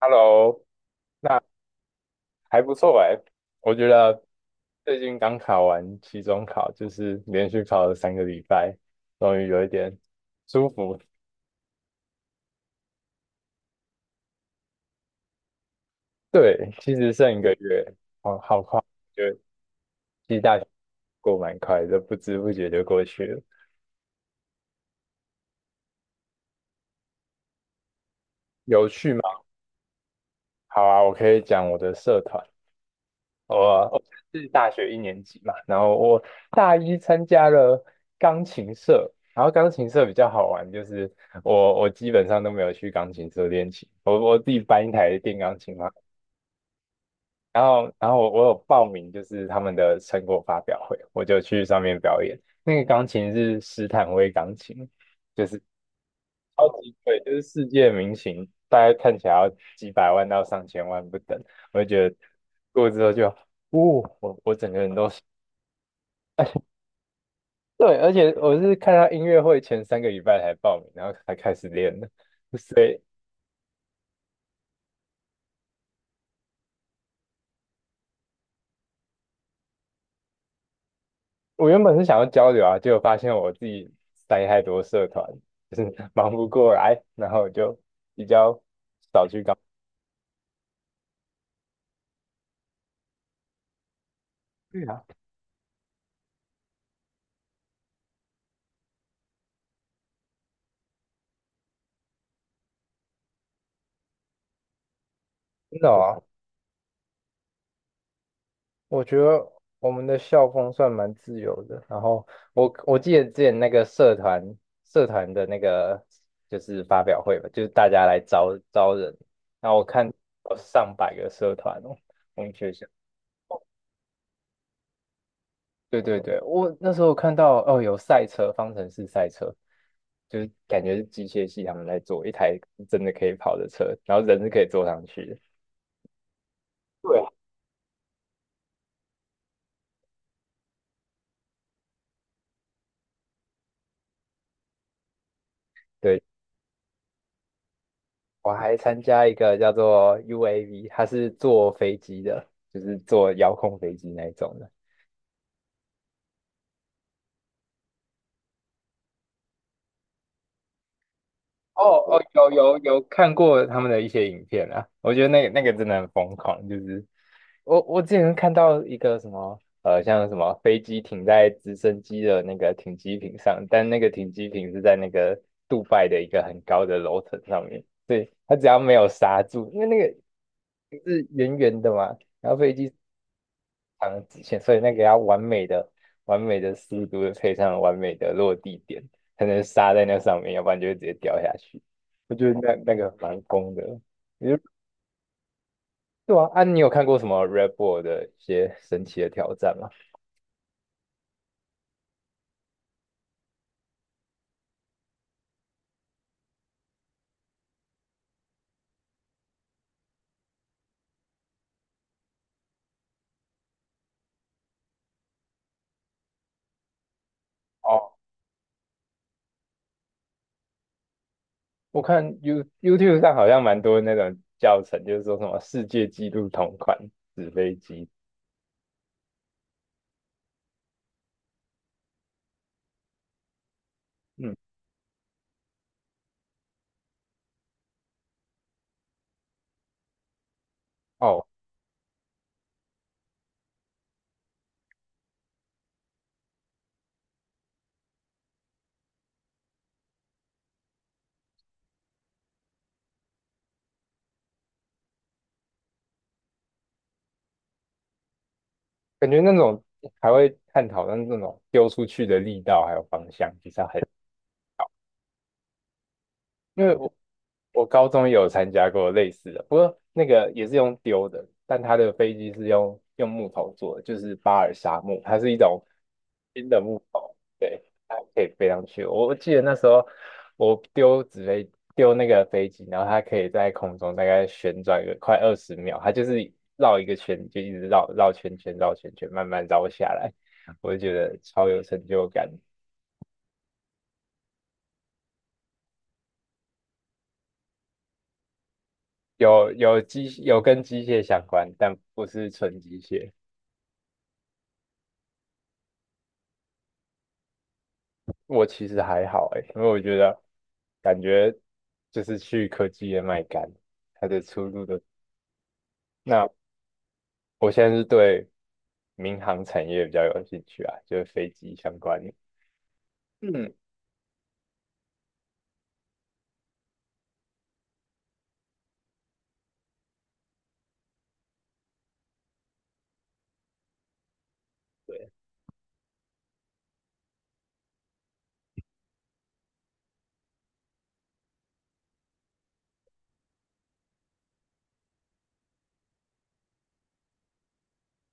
Hello，那还不错哎，我觉得最近刚考完期中考，就是连续考了三个礼拜，终于有一点舒服。对，其实剩1个月，好好快，就期待过蛮快的，不知不觉就过去了。有趣吗？好啊，我可以讲我的社团，我是大学一年级嘛，然后我大一参加了钢琴社，然后钢琴社比较好玩，就是我基本上都没有去钢琴社练琴，我自己搬一台电钢琴嘛，然后我有报名就是他们的成果发表会，我就去上面表演，那个钢琴是斯坦威钢琴，就是超级贵，就是世界名琴，大概看起来要几百万到上千万不等，我就觉得过之后就。哦，我整个人都对，而且我是看他音乐会前三个礼拜才报名，然后才开始练的。所以，我原本是想要交流啊，结果发现我自己塞太多社团，就是 忙不过来，然后我就比较少去搞。对啊，真的啊，我觉得我们的校风算蛮自由的。然后我记得之前那个社团的那个就是发表会吧，就是大家来招招人，然后我看有上百个社团哦，我们学校。对对对，我那时候看到哦，有赛车，方程式赛车，就是感觉是机械系他们在做一台真的可以跑的车，然后人是可以坐上去的。对啊，对，我还参加一个叫做 UAV，它是坐飞机的，就是坐遥控飞机那一种的。哦哦，有看过他们的一些影片啊，我觉得那个真的很疯狂，就是我之前看到一个什么像什么飞机停在直升机的那个停机坪上，但那个停机坪是在那个杜拜的一个很高的楼层上面，对，它只要没有刹住，因为那个是圆圆的嘛，然后飞机长的直线，所以那个要完美的、完美的速度配上完美的落地点，才能刹在那上面，要不然就会直接掉下去。我觉得那个蛮疯的。你就对啊，啊，你有看过什么 Red Bull 的一些神奇的挑战吗？哦，我看 YouTube 上好像蛮多那种教程，就是说什么世界纪录同款纸飞机。嗯，哦，感觉那种还会探讨那种丢出去的力道还有方向，其实很。因为我高中也有参加过类似的，不过那个也是用丢的，但它的飞机是用木头做的，就是巴尔沙木，它是一种新的木头，对，它可以飞上去。我记得那时候我丢那个飞机，然后它可以在空中大概旋转个快20秒，它就是绕一个圈，就一直绕绕圈圈绕圈圈，慢慢绕下来，我就觉得超有成就感。有跟机械相关，但不是纯机械。我其实还好诶，因为我觉得感觉就是去科技业卖干，它的出路的。那我现在是对民航产业比较有兴趣啊，就是飞机相关的嗯，对，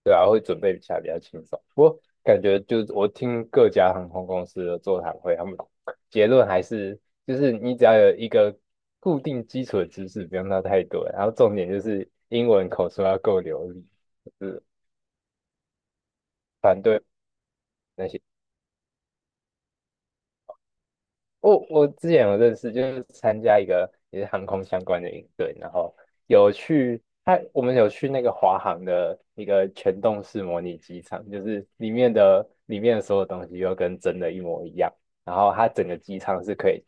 对啊，会准备起来比较轻松。我感觉就是我听各家航空公司的座谈会，他们结论还是就是你只要有一个固定基础的知识，不用到太多，然后重点就是英文口说要够流利，就是反对。那些。我之前有认识，就是参加一个也是航空相关的营队，然后有去他我们有去那个华航的一个全动式模拟机场，就是里面的所有东西又跟真的一模一样，然后它整个机场是可以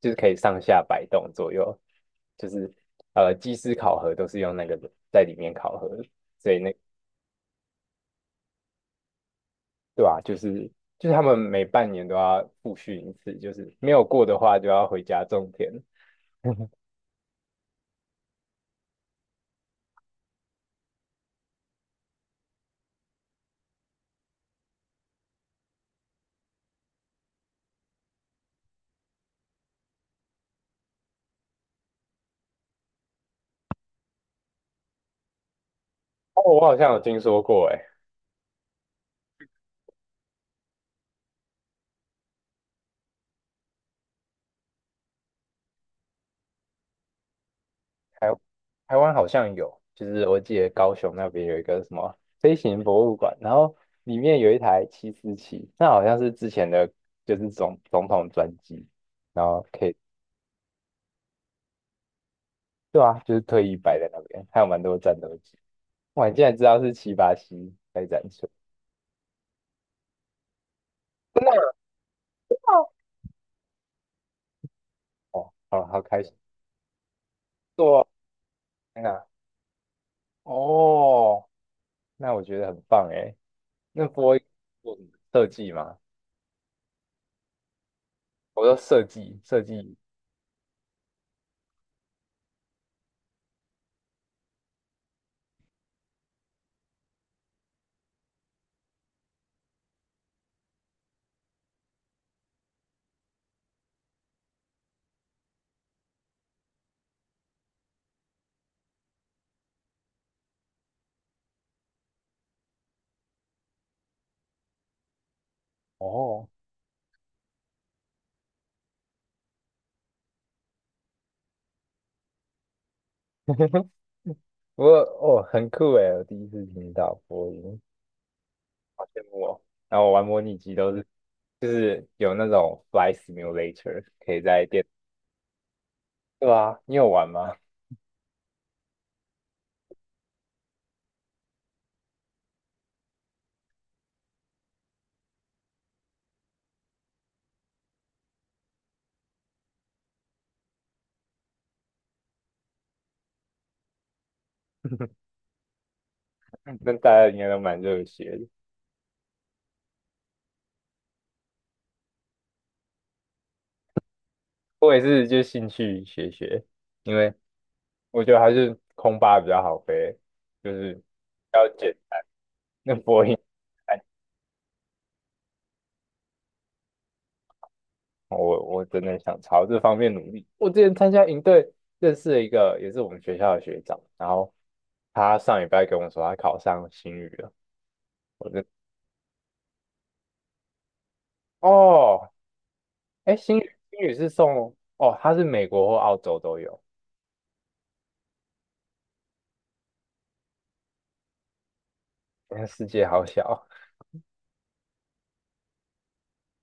就是可以上下摆动左右，就是机师考核都是用那个在里面考核的，所以那对吧、就是他们每半年都要复训一次，就是没有过的话就要回家种田。哦，我好像有听说过，哎，台台湾好像有，就是我记得高雄那边有一个什么飞行博物馆，然后里面有一台747，那好像是之前的，就是总统专机，然后可以，对啊，就是特意摆在那边，还有蛮多战斗机，哇，你竟然知道是787在展出，真的哦，好好开心，天哪，哦，那我觉得很棒，哎，那波音做什么设计吗？我说设计设计，哦。我哦，很酷诶，我第一次听到播音，好羡慕哦。然后我玩模拟机都是就是有那种 flight simulator，可以在电，对啊，你有玩吗？那大家应该都蛮热血的，我也是就兴趣学学，因为我觉得还是空巴比较好飞，就是要捡那播音。我真的想朝这方面努力。我之前参加营队，认识了一个也是我们学校的学长，然后他上礼拜跟我说他考上新语了，我真哦，哎，新语新语是送哦，他是美国或澳洲都有，你看世界好小。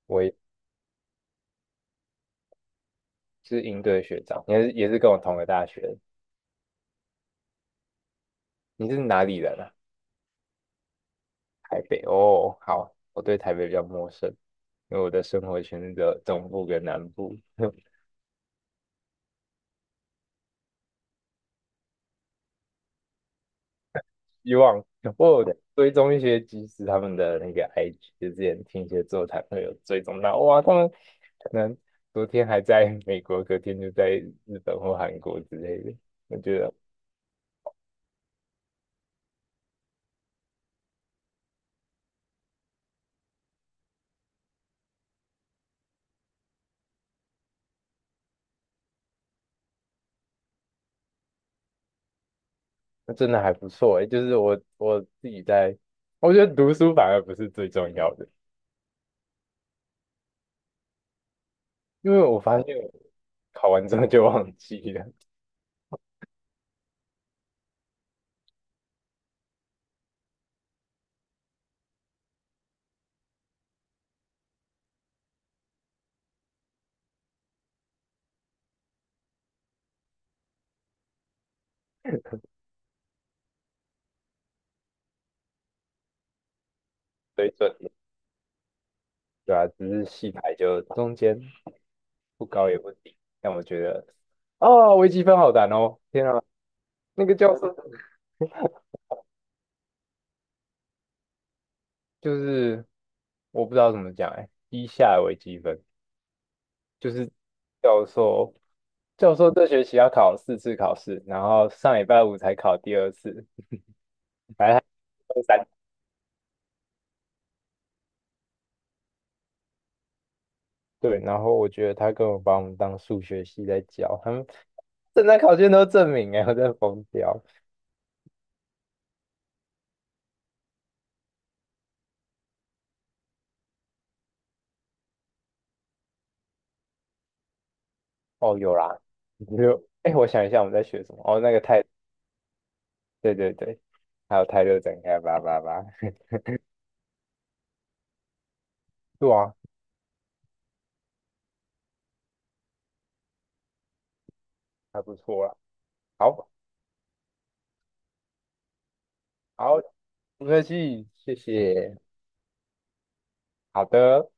我也是营队的学长，也是跟我同个大学的，你是哪里人啊？台北哦，好，我对台北比较陌生，因为我的生活圈是只有中部跟南部。希望我有追踪一些技师他们的那个 IG，就之前听一些座谈会有追踪到，哇，他们可能昨天还在 美国，隔天就在日本或韩国之类的，我觉得那真的还不错诶，就是我自己在，我觉得读书反而不是最重要的，因为我发现我考完之后就忘记了水准，对啊，只是戏台就中间不高也不低，但我觉得。哦，微积分好难哦！天啊，那个教授就是我不知道怎么讲哎、以下为积分就是教授教授这学期要考4次考试，然后上礼拜五才考第二次，周三对，然后我觉得他根本把我们当数学系在教，他们正张考卷都证明哎、我真的疯掉。哦，有啦，有哎、我想一下我们在学什么？哦，那个泰，对对对，还有泰勒展开叭叭叭，对啊，还不错啦。好，好，没关系，谢谢，好的。